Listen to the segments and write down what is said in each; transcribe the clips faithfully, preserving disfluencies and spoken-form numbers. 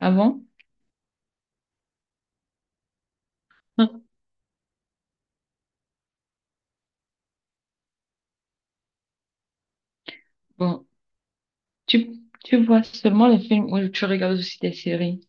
Ah bon? Bon, tu, tu vois seulement les films ou tu regardes aussi des séries?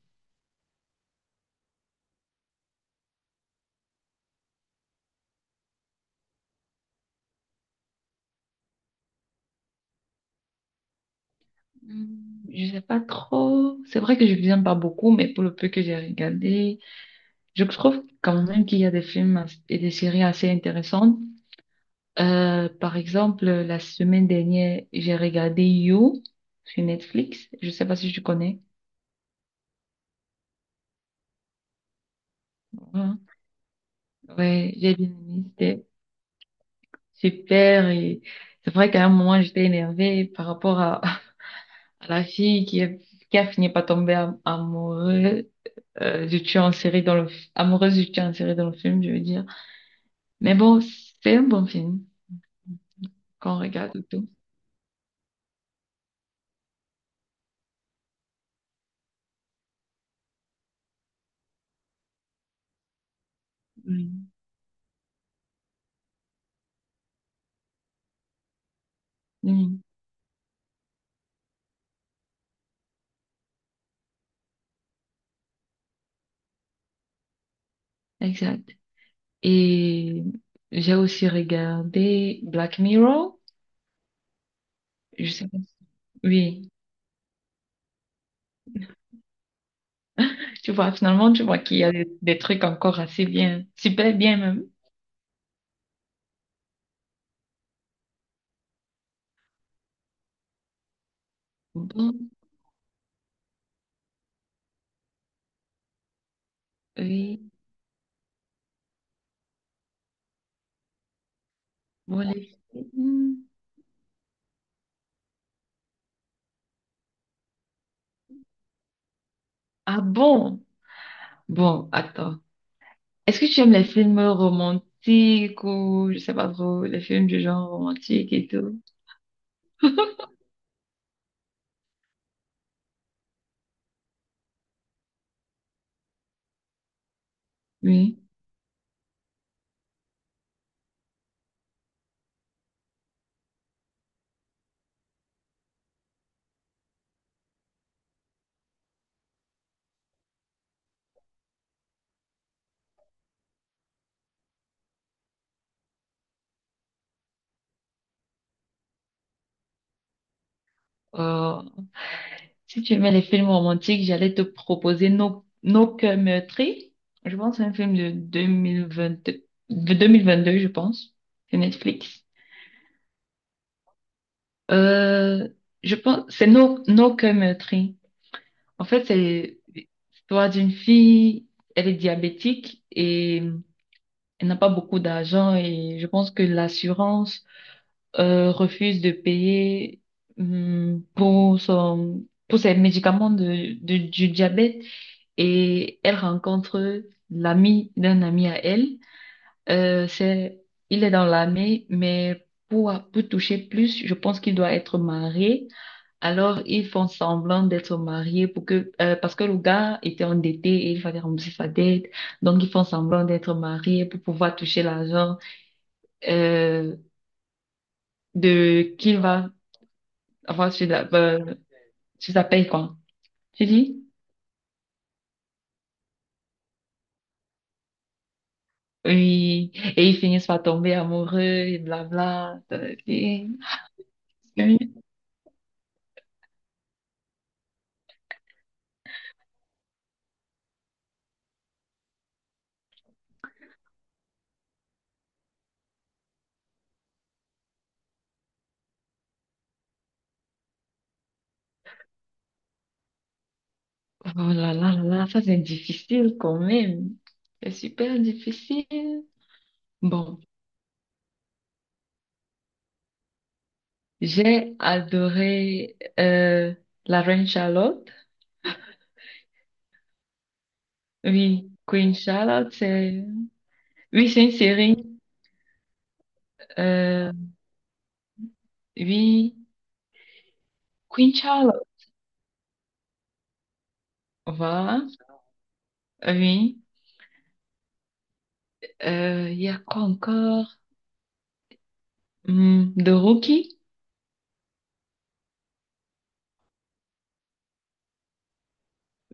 Hmm, je sais pas trop. C'est vrai que je viens pas beaucoup, mais pour le peu que j'ai regardé, je trouve quand même qu'il y a des films as- et des séries assez intéressantes. Euh, par exemple, la semaine dernière, j'ai regardé You sur Netflix. Je sais pas si tu connais. Ouais, ouais, j'ai bien aimé. C'était super et c'est vrai qu'à un moment, j'étais énervée par rapport à la fille qui, est- qui a fini par tomber am- amoureuse euh, du tueur en série dans le, f- amoureuse du tueur en série dans le film, je veux dire. Mais bon, c'est un bon film quand on regarde et tout. Oui. Oui, exact. Et j'ai aussi regardé Black Mirror. Je sais pas. si- Oui. Tu vois, finalement, tu vois qu'il y a des, des trucs encore assez bien, super bien même. Bon, oui. Bon, les films. Ah bon? Bon, attends. Est-ce que tu aimes les films romantiques ou je sais pas trop, les films du genre romantique et tout? Oui. Euh, Si tu aimais les films romantiques, j'allais te proposer Nos, Nos cœurs meurtris. Je pense que c'est un film de deux mille vingt-deux, de deux mille vingt-deux, je pense. C'est Netflix. Euh, je pense, c'est Nos, Nos cœurs meurtris. En fait, c'est l'histoire d'une fille, elle est diabétique et elle n'a pas beaucoup d'argent et je pense que l'assurance euh, refuse de payer hum, pour son, pour ses médicaments de, de- du diabète et elle rencontre l'ami d'un ami à elle. Euh, c'est, il est dans l'armée, mais pour, pour toucher plus, je pense qu'il doit être marié. Alors, ils font semblant d'être mariés pour que, euh, parce que le gars était endetté et il fallait rembourser sa dette. Donc, ils font semblant d'être mariés pour pouvoir toucher l'argent, euh, de, qu'il va avoir sur la, euh, tu t'appelles quoi? Tu dis? Oui. Et ils finissent par tomber amoureux et blabla. Euh, et- Oui. Oh là là là là, ça c'est difficile quand même. C'est super difficile. Bon, j'ai adoré euh, La Reine Charlotte. Oui, Queen Charlotte, c'est... Oui, c'est une série. Euh, oui, Queen Charlotte. Voilà. Oui. Euh, il y a quoi encore? Hmm, The Rookie?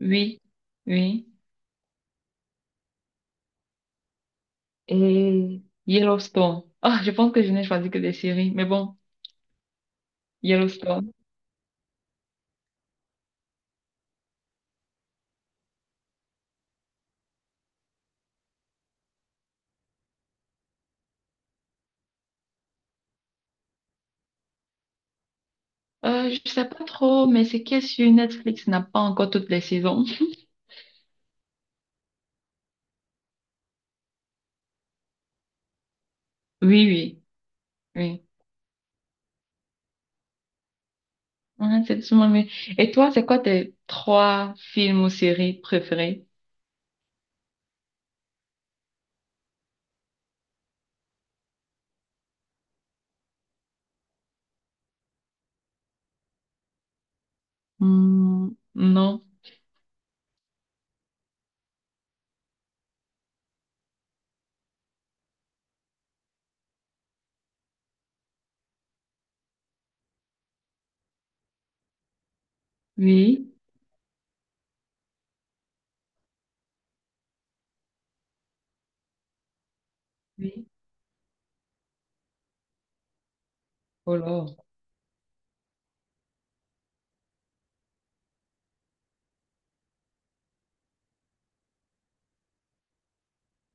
Oui, oui. Et Yellowstone. Ah, je pense que je n'ai choisi que des séries, mais bon, Yellowstone. Euh, je sais pas trop, mais c'est que sur Netflix n'a pas encore toutes les saisons. Oui, oui, oui. Ouais, c'est sûrement mieux. Et toi, c'est quoi tes trois films ou séries préférés? Hmm, non. Oui. Oui. Oh là.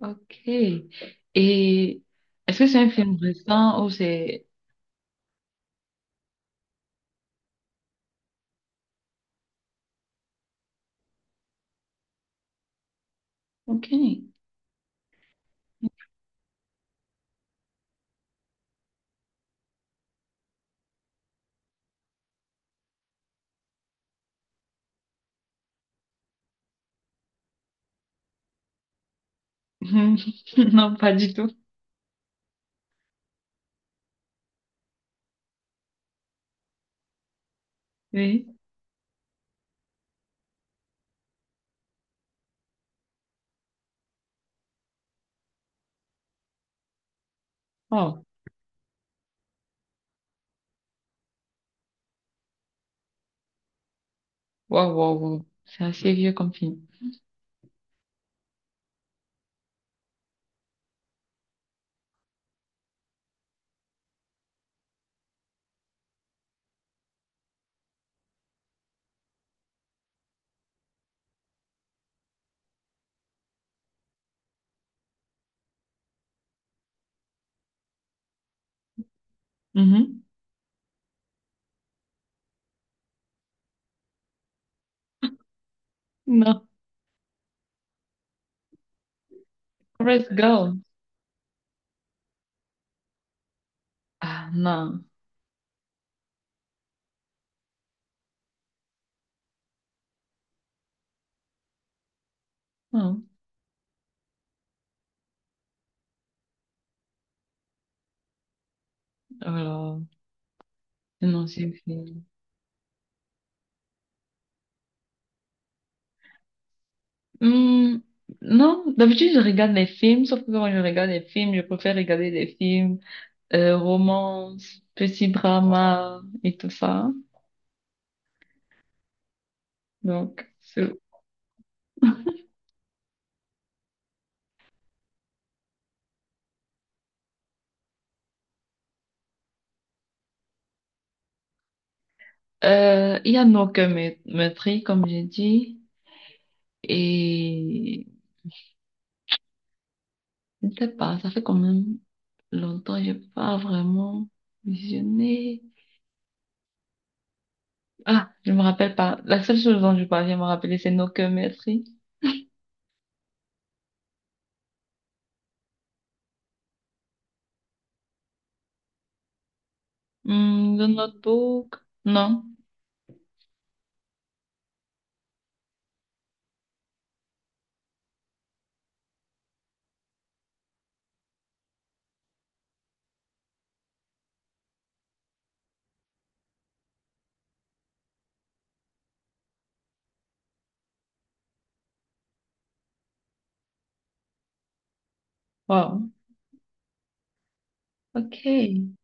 Ok. Et est-ce que c'est un film récent ou c'est... Ok. Non, pas du tout. Oui. Oh. Wow, wow, wow. C'est assez vieux comme film. Mhm. Non. Forrest Gump. Ah, non. Non. Alors, non, c'est un film. Hmm, non, d'habitude, je regarde les films, sauf que quand je regarde les films, je préfère regarder des films, euh, romance, petit drama et tout ça. Donc, c'est- euh, il y a No Cure Me- Meurtri, comme j'ai dit. Et, je ne sais pas, ça fait quand même longtemps, j'ai pas vraiment visionné. Ah, je me rappelle pas. La seule chose dont je parviens à me rappeler, c'est No Que Merci. Hmm, The Notebook. Non. Wow. Ok.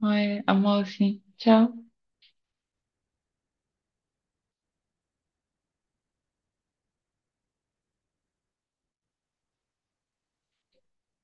Ouais, à moi aussi. Ciao.